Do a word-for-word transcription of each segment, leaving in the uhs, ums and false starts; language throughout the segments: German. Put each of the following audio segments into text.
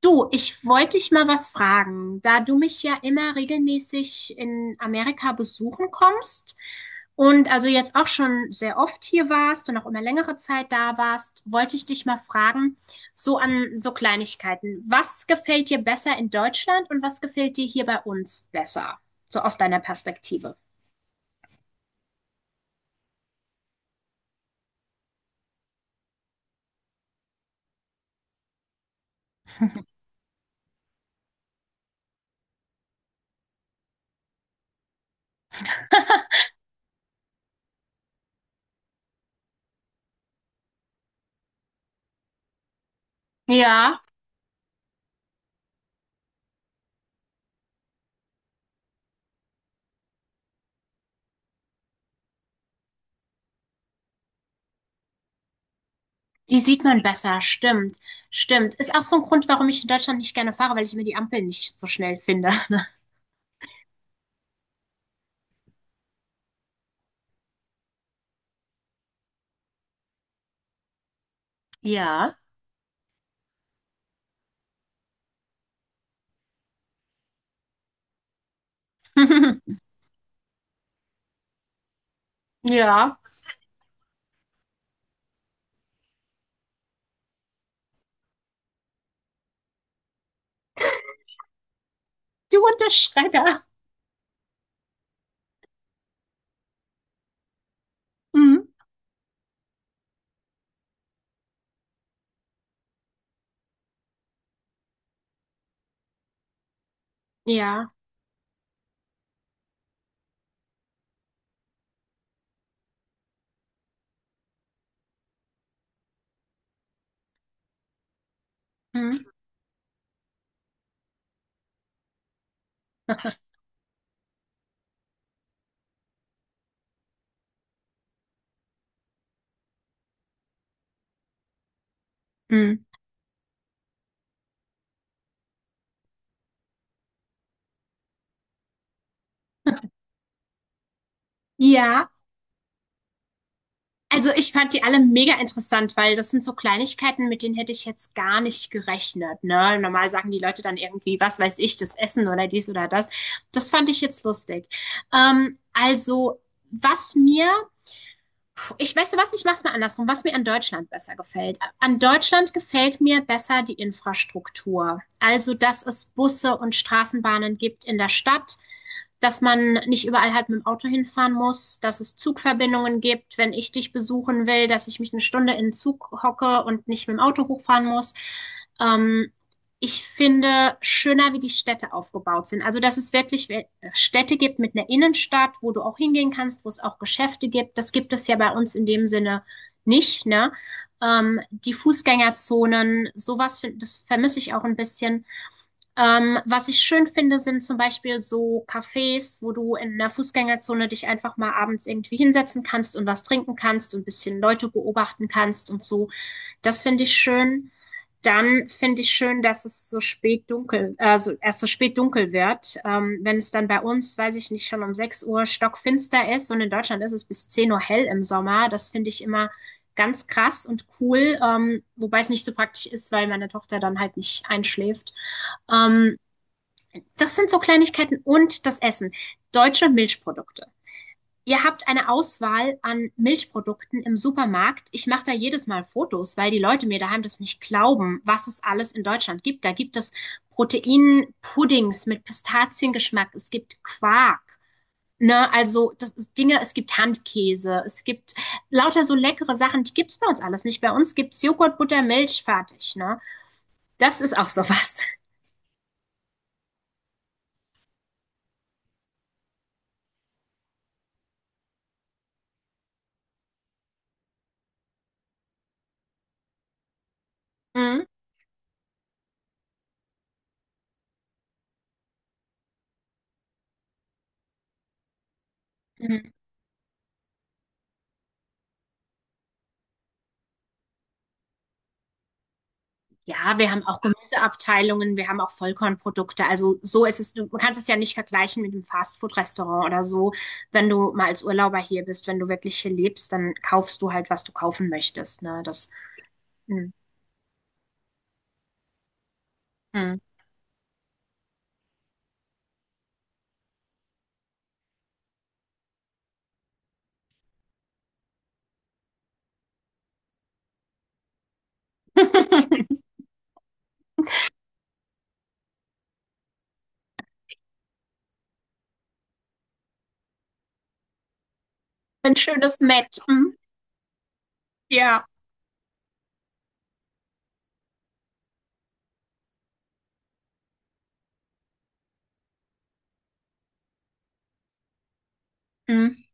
Du, ich wollte dich mal was fragen. Da du mich ja immer regelmäßig in Amerika besuchen kommst und also jetzt auch schon sehr oft hier warst und auch immer längere Zeit da warst, wollte ich dich mal fragen, so an so Kleinigkeiten. Was gefällt dir besser in Deutschland und was gefällt dir hier bei uns besser? So aus deiner Perspektive. Ja, die sieht man besser, stimmt, stimmt. Ist auch so ein Grund, warum ich in Deutschland nicht gerne fahre, weil ich mir die Ampeln nicht so schnell finde. Ja. Ja, du und Mhm. Ja. Mhm. Mhm. Ja, also ich fand die alle mega interessant, weil das sind so Kleinigkeiten, mit denen hätte ich jetzt gar nicht gerechnet, ne? Normal sagen die Leute dann irgendwie, was weiß ich, das Essen oder dies oder das. Das fand ich jetzt lustig. Ähm, also, was mir Ich weiß du was, ich mache es mal andersrum, was mir an Deutschland besser gefällt. An Deutschland gefällt mir besser die Infrastruktur. Also, dass es Busse und Straßenbahnen gibt in der Stadt, dass man nicht überall halt mit dem Auto hinfahren muss, dass es Zugverbindungen gibt, wenn ich dich besuchen will, dass ich mich eine Stunde in den Zug hocke und nicht mit dem Auto hochfahren muss. Ähm, ich finde schöner, wie die Städte aufgebaut sind. Also, dass es wirklich we- Städte gibt mit einer Innenstadt, wo du auch hingehen kannst, wo es auch Geschäfte gibt. Das gibt es ja bei uns in dem Sinne nicht, ne? Ähm, die Fußgängerzonen, sowas, find- das vermisse ich auch ein bisschen. Ähm, was ich schön finde, sind zum Beispiel so Cafés, wo du in einer Fußgängerzone dich einfach mal abends irgendwie hinsetzen kannst und was trinken kannst und ein bisschen Leute beobachten kannst und so. Das finde ich schön. Dann finde ich schön, dass es so spät dunkel, also erst so spät dunkel wird. Ähm, wenn es dann bei uns, weiß ich nicht, schon um sechs Uhr stockfinster ist und in Deutschland ist es bis zehn Uhr hell im Sommer. Das finde ich immer ganz krass und cool, ähm, wobei es nicht so praktisch ist, weil meine Tochter dann halt nicht einschläft. Ähm, das sind so Kleinigkeiten und das Essen. Deutsche Milchprodukte. Ihr habt eine Auswahl an Milchprodukten im Supermarkt. Ich mache da jedes Mal Fotos, weil die Leute mir daheim das nicht glauben, was es alles in Deutschland gibt. Da gibt es Proteinpuddings mit Pistaziengeschmack. Es gibt Quark. Ne, also das ist Dinge, es gibt Handkäse, es gibt lauter so leckere Sachen, die gibt's bei uns alles nicht. Bei uns gibt's Joghurt, Butter, Milch, fertig. Ne? Das ist auch sowas. Mhm. Mhm. Ja, wir haben auch Gemüseabteilungen, wir haben auch Vollkornprodukte. Also so ist es, du man kannst es ja nicht vergleichen mit einem Fastfood-Restaurant oder so. Wenn du mal als Urlauber hier bist, wenn du wirklich hier lebst, dann kaufst du halt, was du kaufen möchtest. Ne? Das. Mm, mm. Ein schönes Match. Mm, ja. Mm.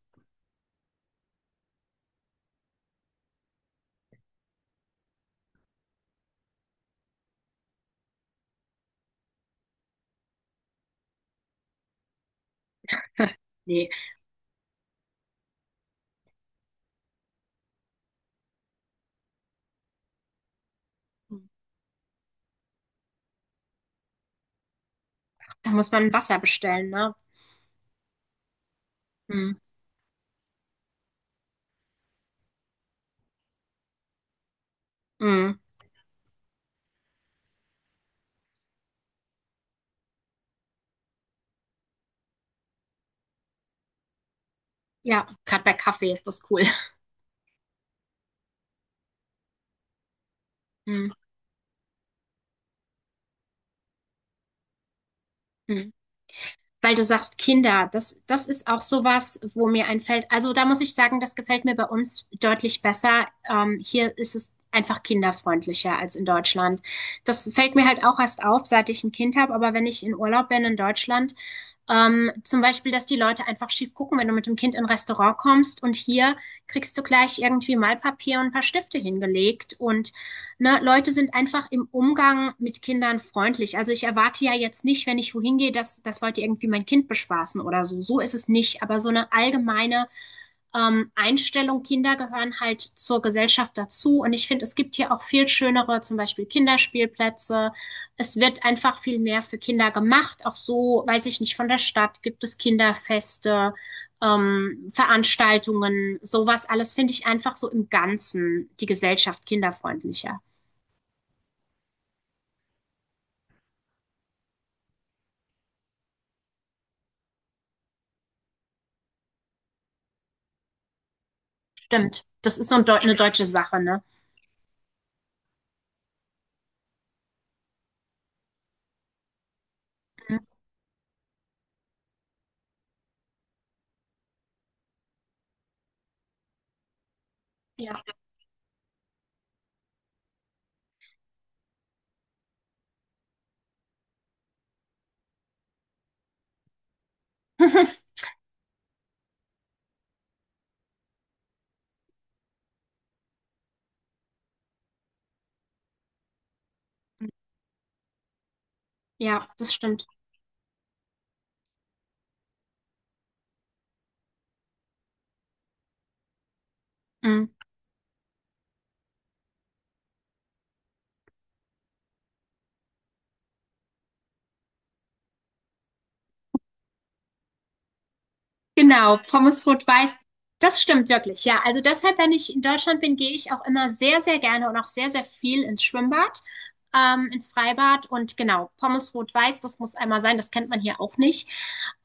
Nee. Da muss man Wasser bestellen, ne? Mm, mm. Ja, gerade bei Kaffee ist das cool. Mm, mm. Weil du sagst Kinder, das, das ist auch sowas, wo mir einfällt. Also da muss ich sagen, das gefällt mir bei uns deutlich besser. Ähm, hier ist es einfach kinderfreundlicher als in Deutschland. Das fällt mir halt auch erst auf, seit ich ein Kind habe, aber wenn ich in Urlaub bin in Deutschland, ähm, zum Beispiel, dass die Leute einfach schief gucken, wenn du mit dem Kind in ein Restaurant kommst und hier kriegst du gleich irgendwie Malpapier und ein paar Stifte hingelegt und ne, Leute sind einfach im Umgang mit Kindern freundlich. Also ich erwarte ja jetzt nicht, wenn ich wohin gehe, dass das wollte irgendwie mein Kind bespaßen oder so. So ist es nicht. Aber so eine allgemeine ähm, Einstellung, Kinder gehören halt zur Gesellschaft dazu. Und ich finde, es gibt hier auch viel schönere, zum Beispiel Kinderspielplätze. Es wird einfach viel mehr für Kinder gemacht. Auch so, weiß ich nicht, von der Stadt gibt es Kinderfeste ähm, Veranstaltungen, sowas alles finde ich einfach so im Ganzen die Gesellschaft kinderfreundlicher. Stimmt. Das ist so ein Deu- eine deutsche Sache, ne? Mhm. Ja. Ja, das stimmt. Mhm. Genau, Pommes rot-weiß. Das stimmt wirklich, ja. Also deshalb, wenn ich in Deutschland bin, gehe ich auch immer sehr, sehr gerne und auch sehr, sehr viel ins Schwimmbad, ähm, ins Freibad. Und genau, Pommes rot-weiß, das muss einmal sein, das kennt man hier auch nicht.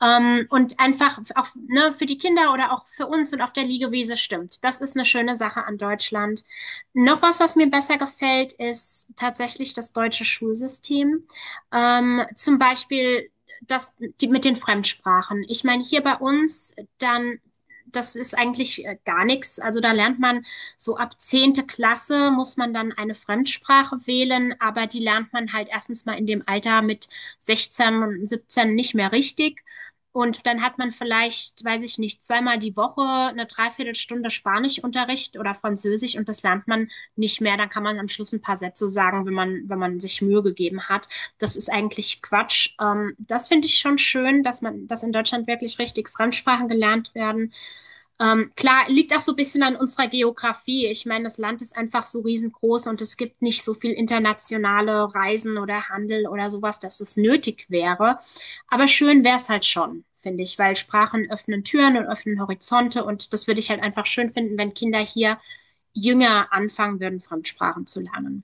Ähm, und einfach auch, ne, für die Kinder oder auch für uns und auf der Liegewiese stimmt. Das ist eine schöne Sache an Deutschland. Noch was, was mir besser gefällt, ist tatsächlich das deutsche Schulsystem. Ähm, zum Beispiel das, die, mit den Fremdsprachen. Ich meine, hier bei uns, dann, das ist eigentlich äh, gar nichts. Also da lernt man so ab zehnte Klasse muss man dann eine Fremdsprache wählen, aber die lernt man halt erstens mal in dem Alter mit sechzehn und siebzehn nicht mehr richtig. Und dann hat man vielleicht, weiß ich nicht, zweimal die Woche eine Dreiviertelstunde Spanischunterricht oder Französisch und das lernt man nicht mehr. Dann kann man am Schluss ein paar Sätze sagen, wenn man, wenn man sich Mühe gegeben hat. Das ist eigentlich Quatsch. Ähm, das finde ich schon schön, dass man, dass in Deutschland wirklich richtig Fremdsprachen gelernt werden. Ähm, klar, liegt auch so ein bisschen an unserer Geografie. Ich meine, das Land ist einfach so riesengroß und es gibt nicht so viel internationale Reisen oder Handel oder sowas, dass es nötig wäre. Aber schön wäre es halt schon finde ich, weil Sprachen öffnen Türen und öffnen Horizonte und das würde ich halt einfach schön finden, wenn Kinder hier jünger anfangen würden, Fremdsprachen zu lernen.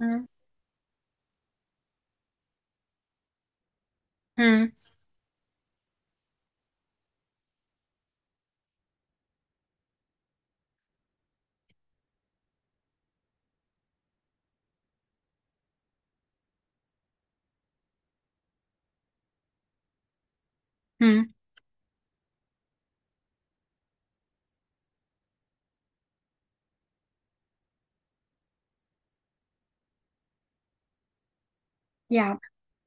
Hm. Hm. Hm. Ja,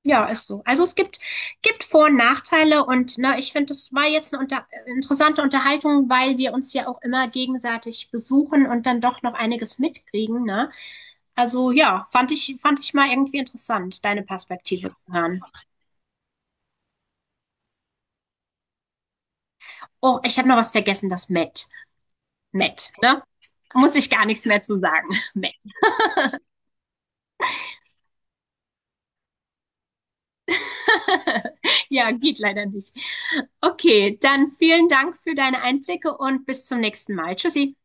Ja, ist so. Also es gibt, gibt Vor- und Nachteile und na, ich finde, es war jetzt eine unter interessante Unterhaltung, weil wir uns ja auch immer gegenseitig besuchen und dann doch noch einiges mitkriegen, ne? Also ja, fand ich, fand ich mal irgendwie interessant, deine Perspektive zu hören. Oh, ich habe noch was vergessen, das Met. Met, ne? Muss ich gar nichts mehr zu sagen. Met. Ja, geht leider nicht. Okay, dann vielen Dank für deine Einblicke und bis zum nächsten Mal. Tschüssi.